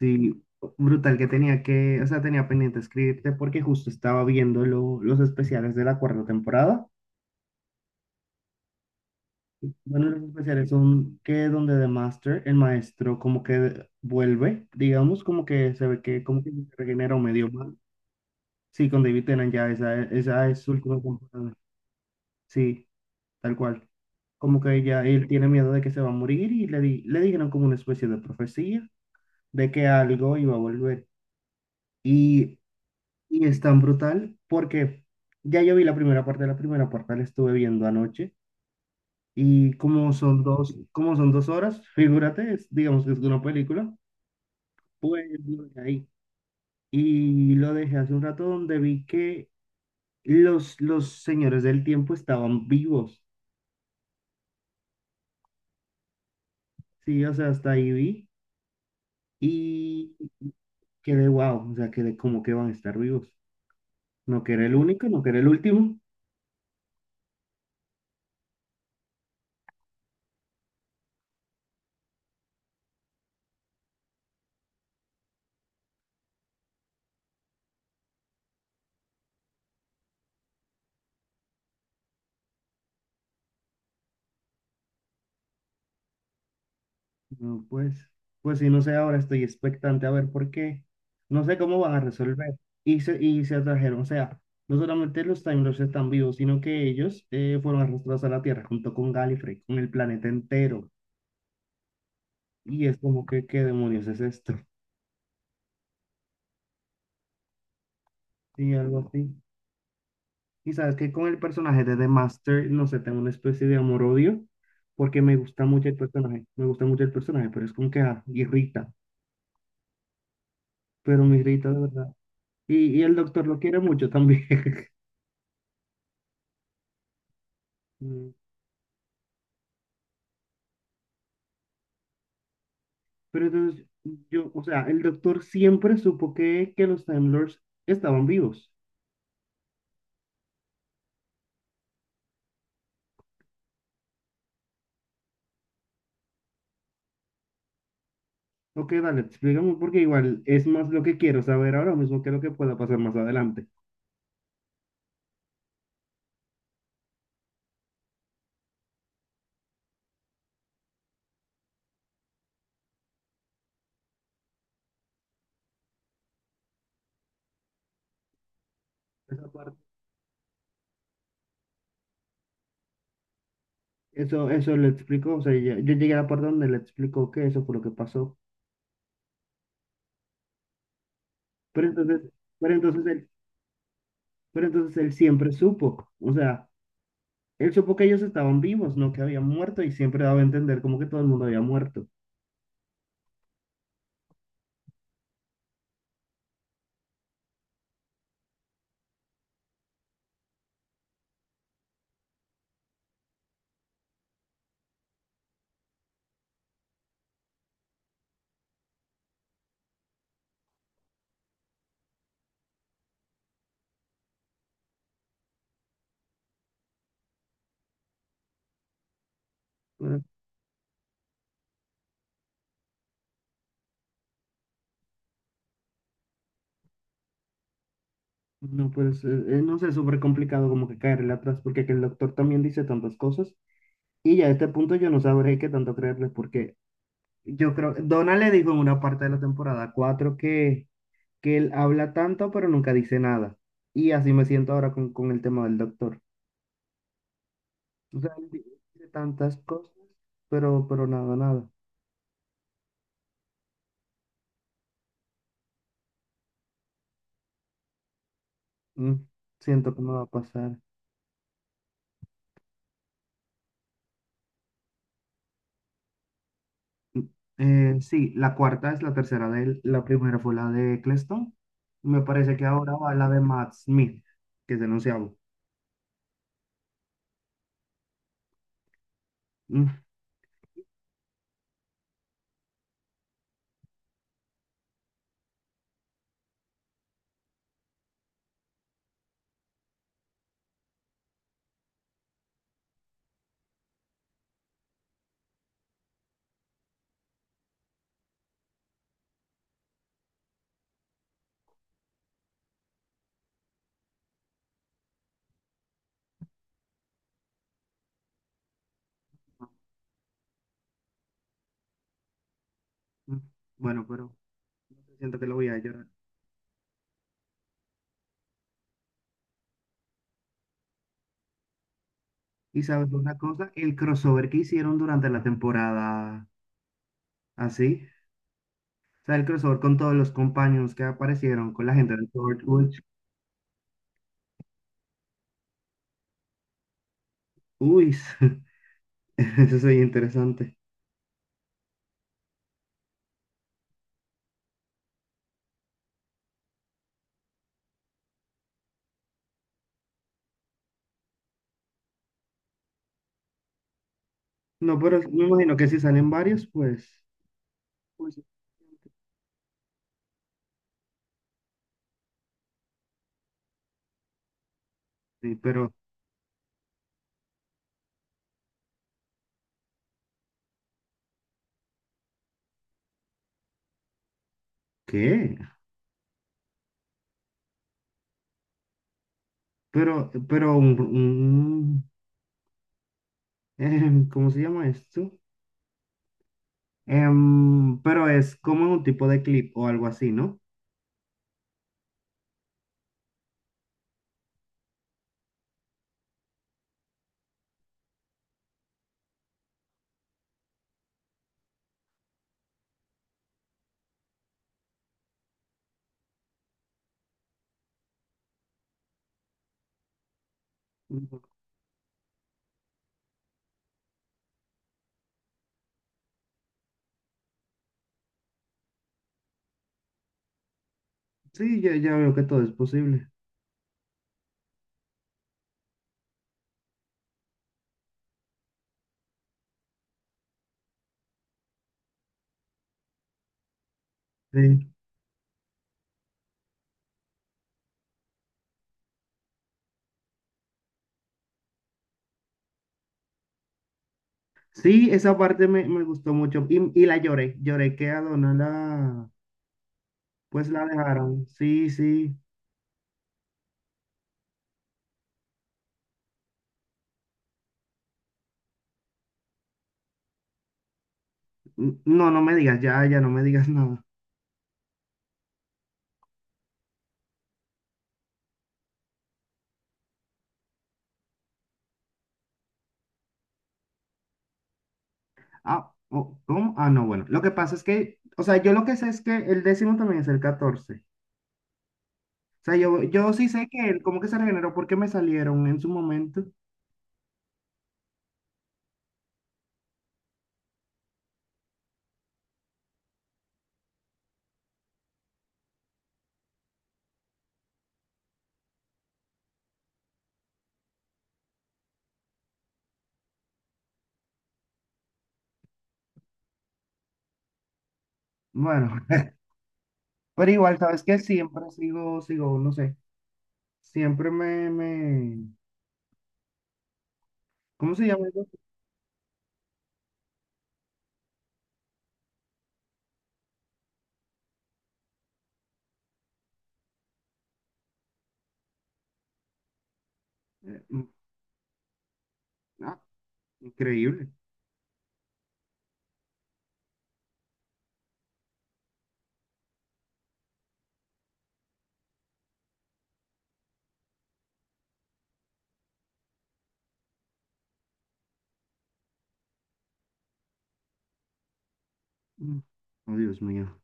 Sí, brutal que tenía que, o sea, tenía pendiente escribirte porque justo estaba viendo los especiales de la cuarta temporada. Bueno, los especiales son que donde The Master, el maestro, como que vuelve, digamos, como que se ve que como que se regeneró medio mal. Sí, con David Tennant ya, esa es su última temporada. Sí, tal cual. Como que ya él tiene miedo de que se va a morir y le dijeron como una especie de profecía de que algo iba a volver. Y Y es tan brutal porque ya yo vi la primera parte, la primera parte la estuve viendo anoche y como son dos horas, figúrate, digamos que es una película, pues lo dejé ahí. Y lo dejé hace un rato donde vi que los señores del tiempo estaban vivos, sí, o sea, hasta ahí vi y quedé wow, o sea, quedé como que van a estar vivos. No que era el único, no que era el último. No, pues, pues sí, no sé, ahora estoy expectante a ver por qué. No sé cómo van a resolver. Y se atrajeron, o sea, no solamente los Time Lords están vivos, sino que ellos fueron arrastrados a la Tierra junto con Gallifrey, con el planeta entero. Y es como que, ¿qué demonios es esto? Y algo así. Y sabes que con el personaje de The Master, no sé, tengo una especie de amor-odio, porque me gusta mucho el personaje, me gusta mucho el personaje, pero es como que ah, irrita, pero me irrita de verdad. Y el doctor lo quiere mucho también. Pero entonces, yo, o sea, el doctor siempre supo que los Time Lords estaban vivos. Ok, dale, explícame porque igual es más lo que quiero saber ahora mismo que lo que pueda pasar más adelante. Esa parte, eso le explicó, o sea, yo llegué a la parte donde le explicó que eso fue lo que pasó. Pero entonces, pero entonces él, pero entonces él siempre supo, o sea, él supo que ellos estaban vivos, no que habían muerto y siempre daba a entender como que todo el mundo había muerto. No, pues no sé, es súper complicado como que caerle atrás, porque que el doctor también dice tantas cosas. Y ya a este punto yo no sabré qué tanto creerle, porque yo creo, Donald le dijo en una parte de la temporada 4 que él habla tanto, pero nunca dice nada. Y así me siento ahora con el tema del doctor. O sea, dice tantas cosas, pero nada, nada. Mm, siento que no va a pasar. Sí, la cuarta es la tercera de él. La primera fue la de Eccleston. Me parece que ahora va la de Matt Smith, que es el onceavo. Mm, mm. Bueno, pero siento que lo voy a llorar. Y sabes una cosa, el crossover que hicieron durante la temporada, así, o sea, el crossover con todos los compañeros que aparecieron, con la gente de Torchwood. Uy, eso es interesante. No, pero me imagino que si salen varios, pues, pues sí, pero ¿qué? Pero, pero, un- un- ¿Cómo se llama esto? Em, pero es como un tipo de clip o algo así, ¿no? Sí, ya, ya veo que todo es posible. Sí, sí, esa parte me, me gustó mucho y la lloré, lloré que a Donna, pues la dejaron. Sí, sí. No, no me digas, ya, ya no me digas nada. Ah, oh, ¿cómo? Ah, no, bueno. Lo que pasa es que, o sea, yo lo que sé es que el décimo también es el 14 sea, yo sí sé que él como que se regeneró porque me salieron en su momento. Bueno, pero igual, ¿sabes que siempre sigo, sigo, no sé, siempre me, me, ¿cómo se llama eso? Eh, mm, ah, increíble. Mm, Oh, Dios mío.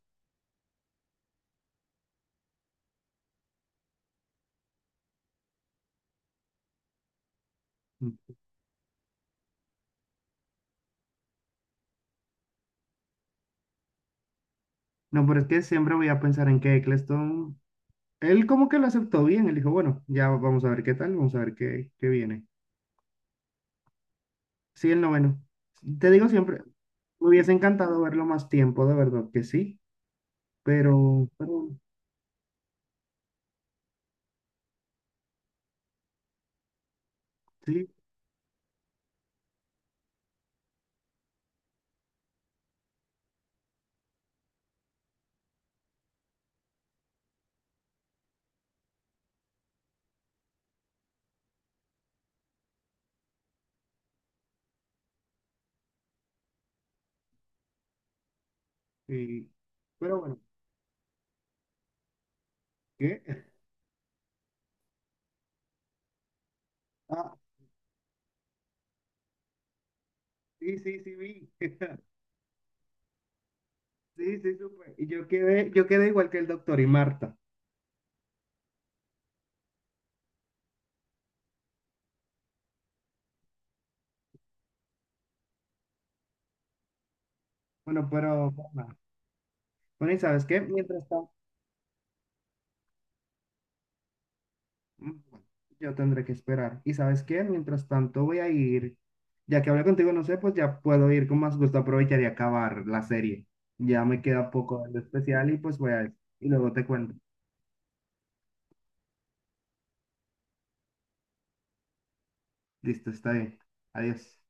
Mm. No, pero es que siempre voy a pensar en que Eccleston, él como que lo aceptó bien, él dijo, bueno, ya vamos a ver qué tal, vamos a ver qué, qué viene. Sí, el noveno. Te digo siempre, me hubiese encantado verlo más tiempo, de verdad que sí, pero sí, sí, pero bueno, ¿qué? Ah, sí, sí, sí, vi. Sí, sí, supe. Y yo quedé igual que el doctor y Marta. Bueno, pero bueno, bueno, ¿y sabes qué? Mientras tanto, yo tendré que esperar. ¿Y sabes qué? Mientras tanto voy a ir, ya que hablé contigo, no sé, pues ya puedo ir con más gusto, aprovechar y acabar la serie. Ya me queda poco de especial y pues voy a ir. Y luego te cuento. Listo, está bien. Adiós.